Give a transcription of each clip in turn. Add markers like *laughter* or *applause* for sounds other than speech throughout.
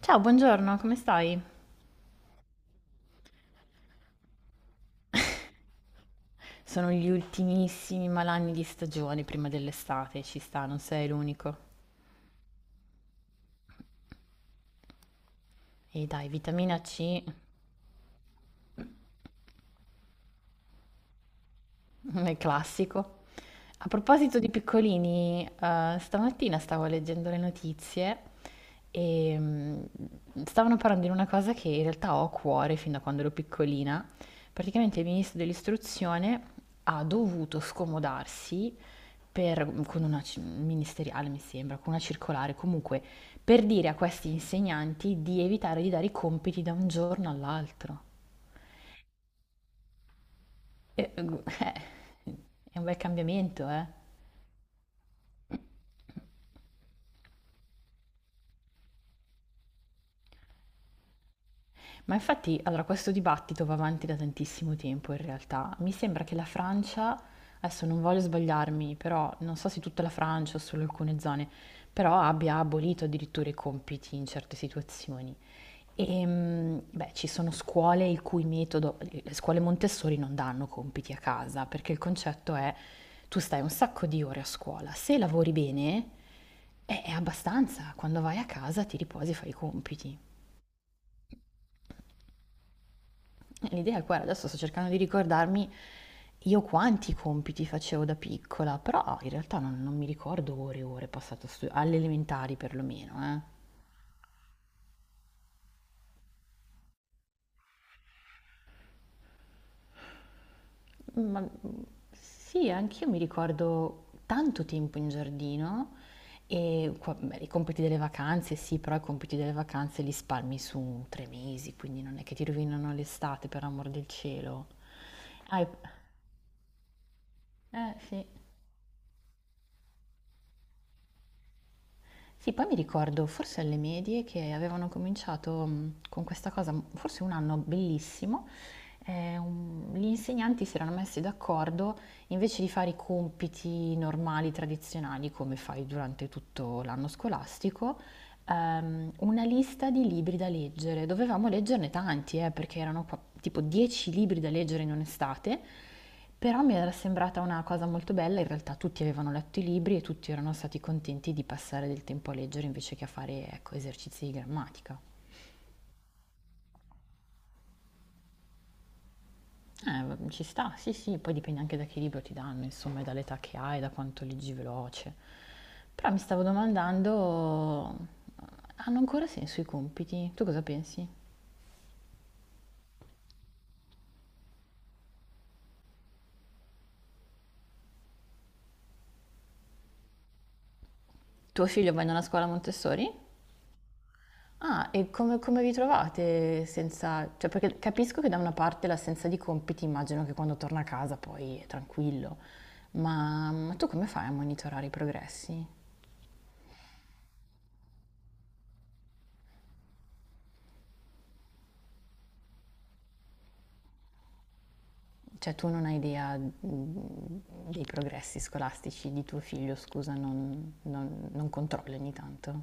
Ciao, buongiorno, come stai? Sono gli ultimissimi malanni di stagione prima dell'estate, ci sta, non sei l'unico. E dai, vitamina C, *laughs* è classico. A proposito di piccolini, stamattina stavo leggendo le notizie e stavano parlando di una cosa che in realtà ho a cuore fin da quando ero piccolina. Praticamente il ministro dell'istruzione ha dovuto scomodarsi con una ministeriale, mi sembra, con una circolare, comunque, per dire a questi insegnanti di evitare di dare i compiti da un giorno all'altro. E, *laughs* è un bel cambiamento, eh. Ma infatti, allora, questo dibattito va avanti da tantissimo tempo in realtà. Mi sembra che la Francia, adesso non voglio sbagliarmi, però non so se tutta la Francia o solo alcune zone, però abbia abolito addirittura i compiti in certe situazioni. Beh, ci sono scuole il cui metodo, le scuole Montessori non danno compiti a casa, perché il concetto è tu stai un sacco di ore a scuola, se lavori bene è abbastanza, quando vai a casa ti riposi e fai i compiti. L'idea è quella, adesso sto cercando di ricordarmi io quanti compiti facevo da piccola, però in realtà non mi ricordo ore e ore passate a studiare, alle elementari perlomeno, eh. Ma sì, anch'io mi ricordo tanto tempo in giardino e beh, i compiti delle vacanze, sì, però i compiti delle vacanze li spalmi su 3 mesi, quindi non è che ti rovinano l'estate, per amor del cielo. Hai- eh, sì. Sì, poi mi ricordo, forse alle medie, che avevano cominciato con questa cosa, forse un anno bellissimo, gli insegnanti si erano messi d'accordo, invece di fare i compiti normali, tradizionali, come fai durante tutto l'anno scolastico, una lista di libri da leggere. Dovevamo leggerne tanti, perché erano tipo 10 libri da leggere in un'estate, però mi era sembrata una cosa molto bella, in realtà tutti avevano letto i libri e tutti erano stati contenti di passare del tempo a leggere invece che a fare, ecco, esercizi di grammatica. Ci sta, sì, sì, poi dipende anche da che libro ti danno, insomma, e dall'età che hai, da quanto leggi veloce. Però mi stavo domandando, hanno ancora senso i compiti? Tu cosa pensi? Tuo figlio va in una scuola Montessori? Ah, e come vi trovate senza... Cioè, perché capisco che da una parte l'assenza di compiti, immagino che quando torna a casa poi è tranquillo, ma tu come fai a monitorare i progressi? Cioè, tu non hai idea dei progressi scolastici di tuo figlio, scusa, non controlli ogni tanto.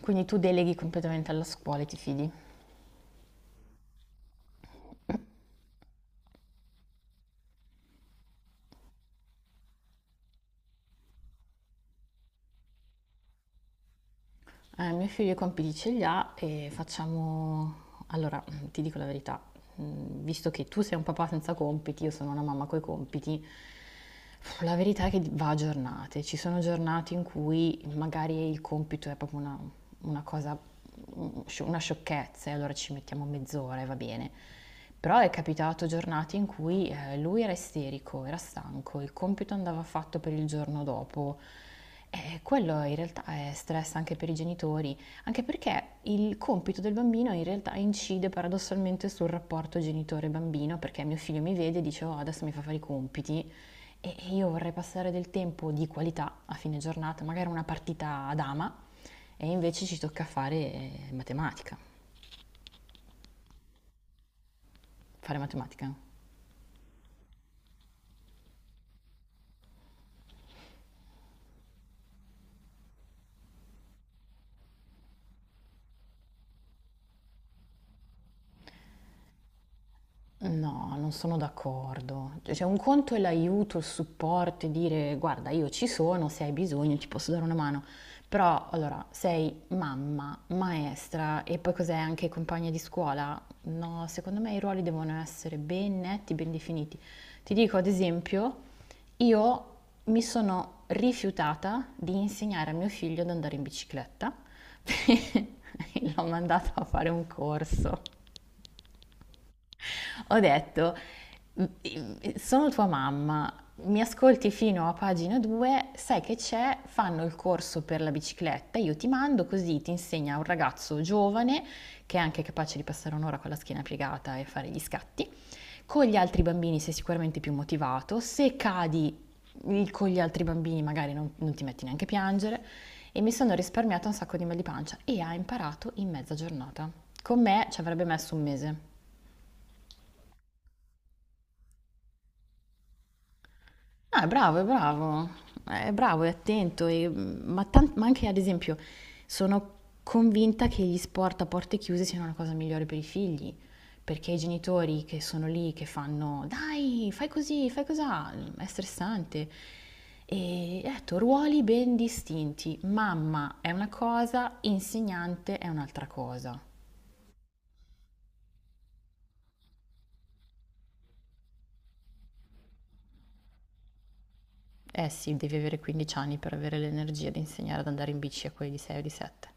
Quindi tu deleghi completamente alla scuola e ti fidi. Mio figlio i compiti ce li ha e facciamo... Allora, ti dico la verità, visto che tu sei un papà senza compiti, io sono una mamma coi compiti, la verità è che va a giornate, ci sono giornate in cui magari il compito è proprio una cosa, una sciocchezza e allora ci mettiamo mezz'ora e va bene. Però è capitato giornate in cui lui era isterico, era stanco, il compito andava fatto per il giorno dopo. E quello in realtà è stress anche per i genitori, anche perché il compito del bambino in realtà incide paradossalmente sul rapporto genitore-bambino, perché mio figlio mi vede e dice oh, adesso mi fa fare i compiti e io vorrei passare del tempo di qualità a fine giornata, magari una partita a dama, e invece ci tocca fare matematica. Fare matematica? No, non sono d'accordo. Cioè, un conto è l'aiuto, il supporto, e dire guarda, io ci sono, se hai bisogno ti posso dare una mano. Però, allora, sei mamma, maestra e poi cos'è anche compagna di scuola? No, secondo me i ruoli devono essere ben netti, ben definiti. Ti dico, ad esempio, io mi sono rifiutata di insegnare a mio figlio ad andare in bicicletta. *laughs* L'ho mandata a fare un corso ho detto, sono tua mamma, mi ascolti fino a pagina 2, sai che c'è, fanno il corso per la bicicletta, io ti mando così ti insegna un ragazzo giovane che è anche capace di passare un'ora con la schiena piegata e fare gli scatti. Con gli altri bambini sei sicuramente più motivato, se cadi con gli altri bambini magari non ti metti neanche a piangere e mi sono risparmiata un sacco di mal di pancia e ha imparato in mezza giornata. Con me ci avrebbe messo un mese. No, è bravo, è bravo, è bravo, è attento, ma anche ad esempio sono convinta che gli sport a porte chiuse siano la cosa migliore per i figli, perché i genitori che sono lì, che fanno dai, fai così, fai cosà, è stressante. E ecco, ruoli ben distinti, mamma è una cosa, insegnante è un'altra cosa. Eh sì, devi avere 15 anni per avere l'energia di insegnare ad andare in bici a quelli di 6 o di 7.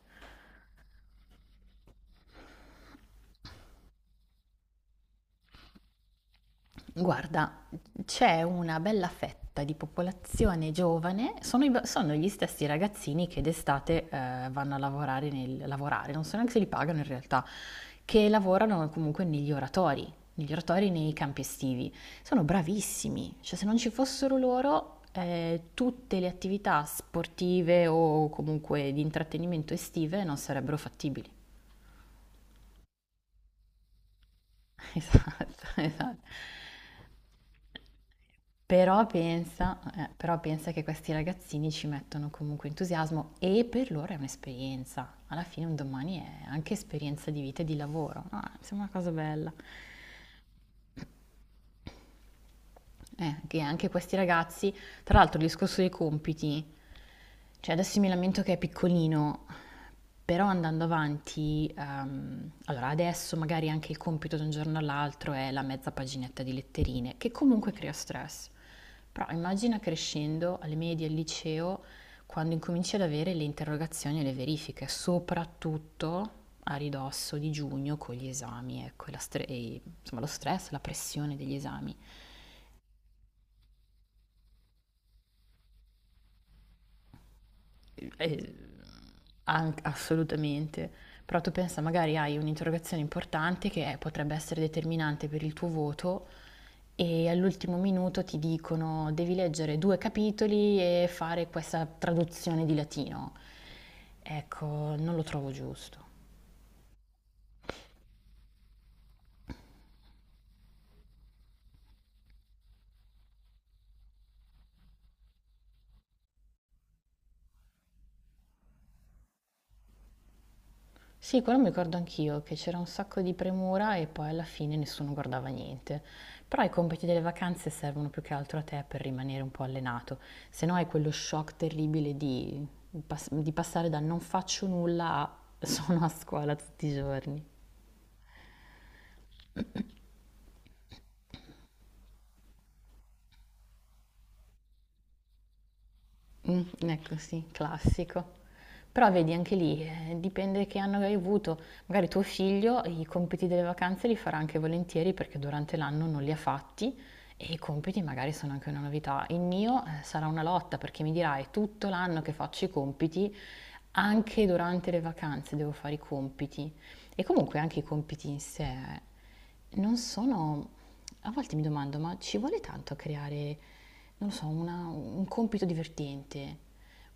Guarda, c'è una bella fetta di popolazione giovane, sono gli stessi ragazzini che d'estate vanno a lavorare, lavorare, non so neanche se li pagano in realtà, che lavorano comunque negli oratori, nei campi estivi. Sono bravissimi, cioè se non ci fossero loro, tutte le attività sportive o comunque di intrattenimento estive non sarebbero fattibili. *laughs* Esatto, esatto. Però pensa che questi ragazzini ci mettono comunque entusiasmo e per loro è un'esperienza. Alla fine un domani è anche esperienza di vita e di lavoro. No, mi sembra una cosa bella. Che anche questi ragazzi, tra l'altro il discorso dei compiti, cioè adesso mi lamento che è piccolino, però andando avanti, allora adesso magari anche il compito da un giorno all'altro è la mezza paginetta di letterine, che comunque crea stress. Però immagina crescendo alle medie, al liceo, quando incominci ad avere le interrogazioni e le verifiche, soprattutto a ridosso di giugno con gli esami, ecco, e, insomma, lo stress, la pressione degli esami. Eh, assolutamente. Però tu pensa, magari hai un'interrogazione importante che potrebbe essere determinante per il tuo voto e all'ultimo minuto ti dicono devi leggere due capitoli e fare questa traduzione di latino. Ecco, non lo trovo giusto. Sì, quello mi ricordo anch'io, che c'era un sacco di premura e poi alla fine nessuno guardava niente. Però i compiti delle vacanze servono più che altro a te per rimanere un po' allenato, se no hai quello shock terribile di, di passare da non faccio nulla a *laughs* sono a scuola tutti i giorni. Mh, ecco sì, classico. Però vedi anche lì, dipende che anno hai avuto. Magari tuo figlio i compiti delle vacanze li farà anche volentieri perché durante l'anno non li ha fatti e i compiti magari sono anche una novità. Il mio, sarà una lotta perché mi dirà: "È tutto l'anno che faccio i compiti, anche durante le vacanze devo fare i compiti". E comunque anche i compiti in sé non sono... A volte mi domando, ma ci vuole tanto a creare, non lo so, un compito divertente?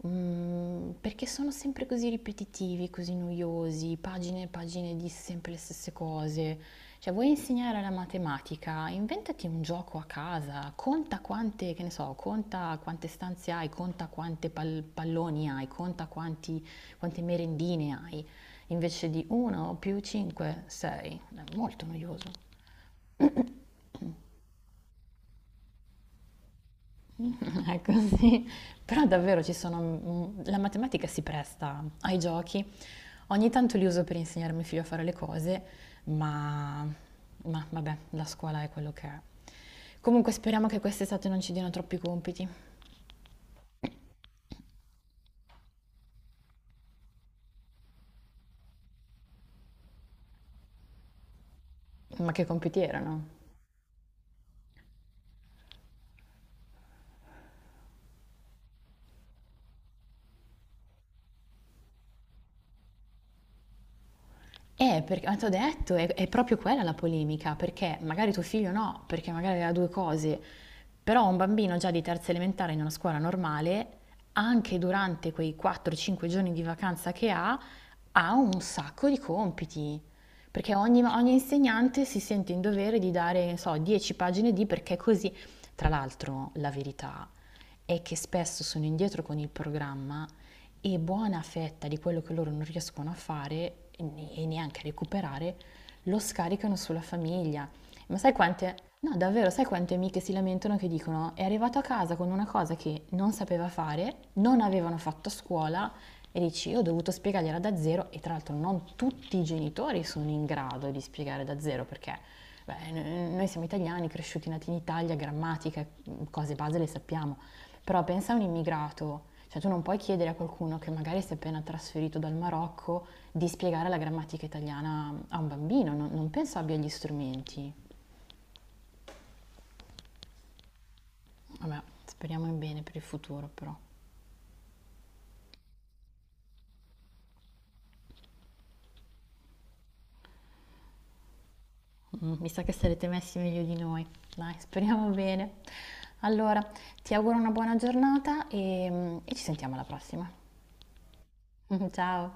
Perché sono sempre così ripetitivi, così noiosi, pagine e pagine di sempre le stesse cose. Cioè, vuoi insegnare la matematica? Inventati un gioco a casa, conta quante, che ne so, conta quante stanze hai, conta quante palloni hai, conta quante merendine hai, invece di 1 più 5, 6. È molto noioso. *laughs* È così, però davvero ci sono, la matematica si presta ai giochi. Ogni tanto li uso per insegnare a mio figlio a fare le cose, ma ma vabbè, la scuola è quello che è. Comunque speriamo che quest'estate non ci diano troppi compiti. Ma che compiti erano? Perché, ma ti ho detto, è proprio quella la polemica, perché magari tuo figlio no, perché magari ha due cose, però un bambino già di terza elementare in una scuola normale, anche durante quei 4-5 giorni di vacanza che ha, ha un sacco di compiti, perché ogni insegnante si sente in dovere di dare, non so, 10 pagine di perché così. Tra l'altro, la verità è che spesso sono indietro con il programma e buona fetta di quello che loro non riescono a fare e neanche a recuperare lo scaricano sulla famiglia. Ma sai quante, no, davvero, sai quante amiche si lamentano che dicono è arrivato a casa con una cosa che non sapeva fare, non avevano fatto a scuola e dici io ho dovuto spiegargliela da zero e tra l'altro non tutti i genitori sono in grado di spiegare da zero perché beh, noi siamo italiani, cresciuti nati in Italia, grammatica, cose base le sappiamo. Però pensa a un immigrato, cioè tu non puoi chiedere a qualcuno che magari si è appena trasferito dal Marocco di spiegare la grammatica italiana a un bambino, non penso abbia gli strumenti. Vabbè, speriamo in bene per il futuro però. Mi sa che sarete messi meglio di noi. Dai, speriamo bene. Allora, ti auguro una buona giornata e ci sentiamo alla prossima. *laughs* Ciao!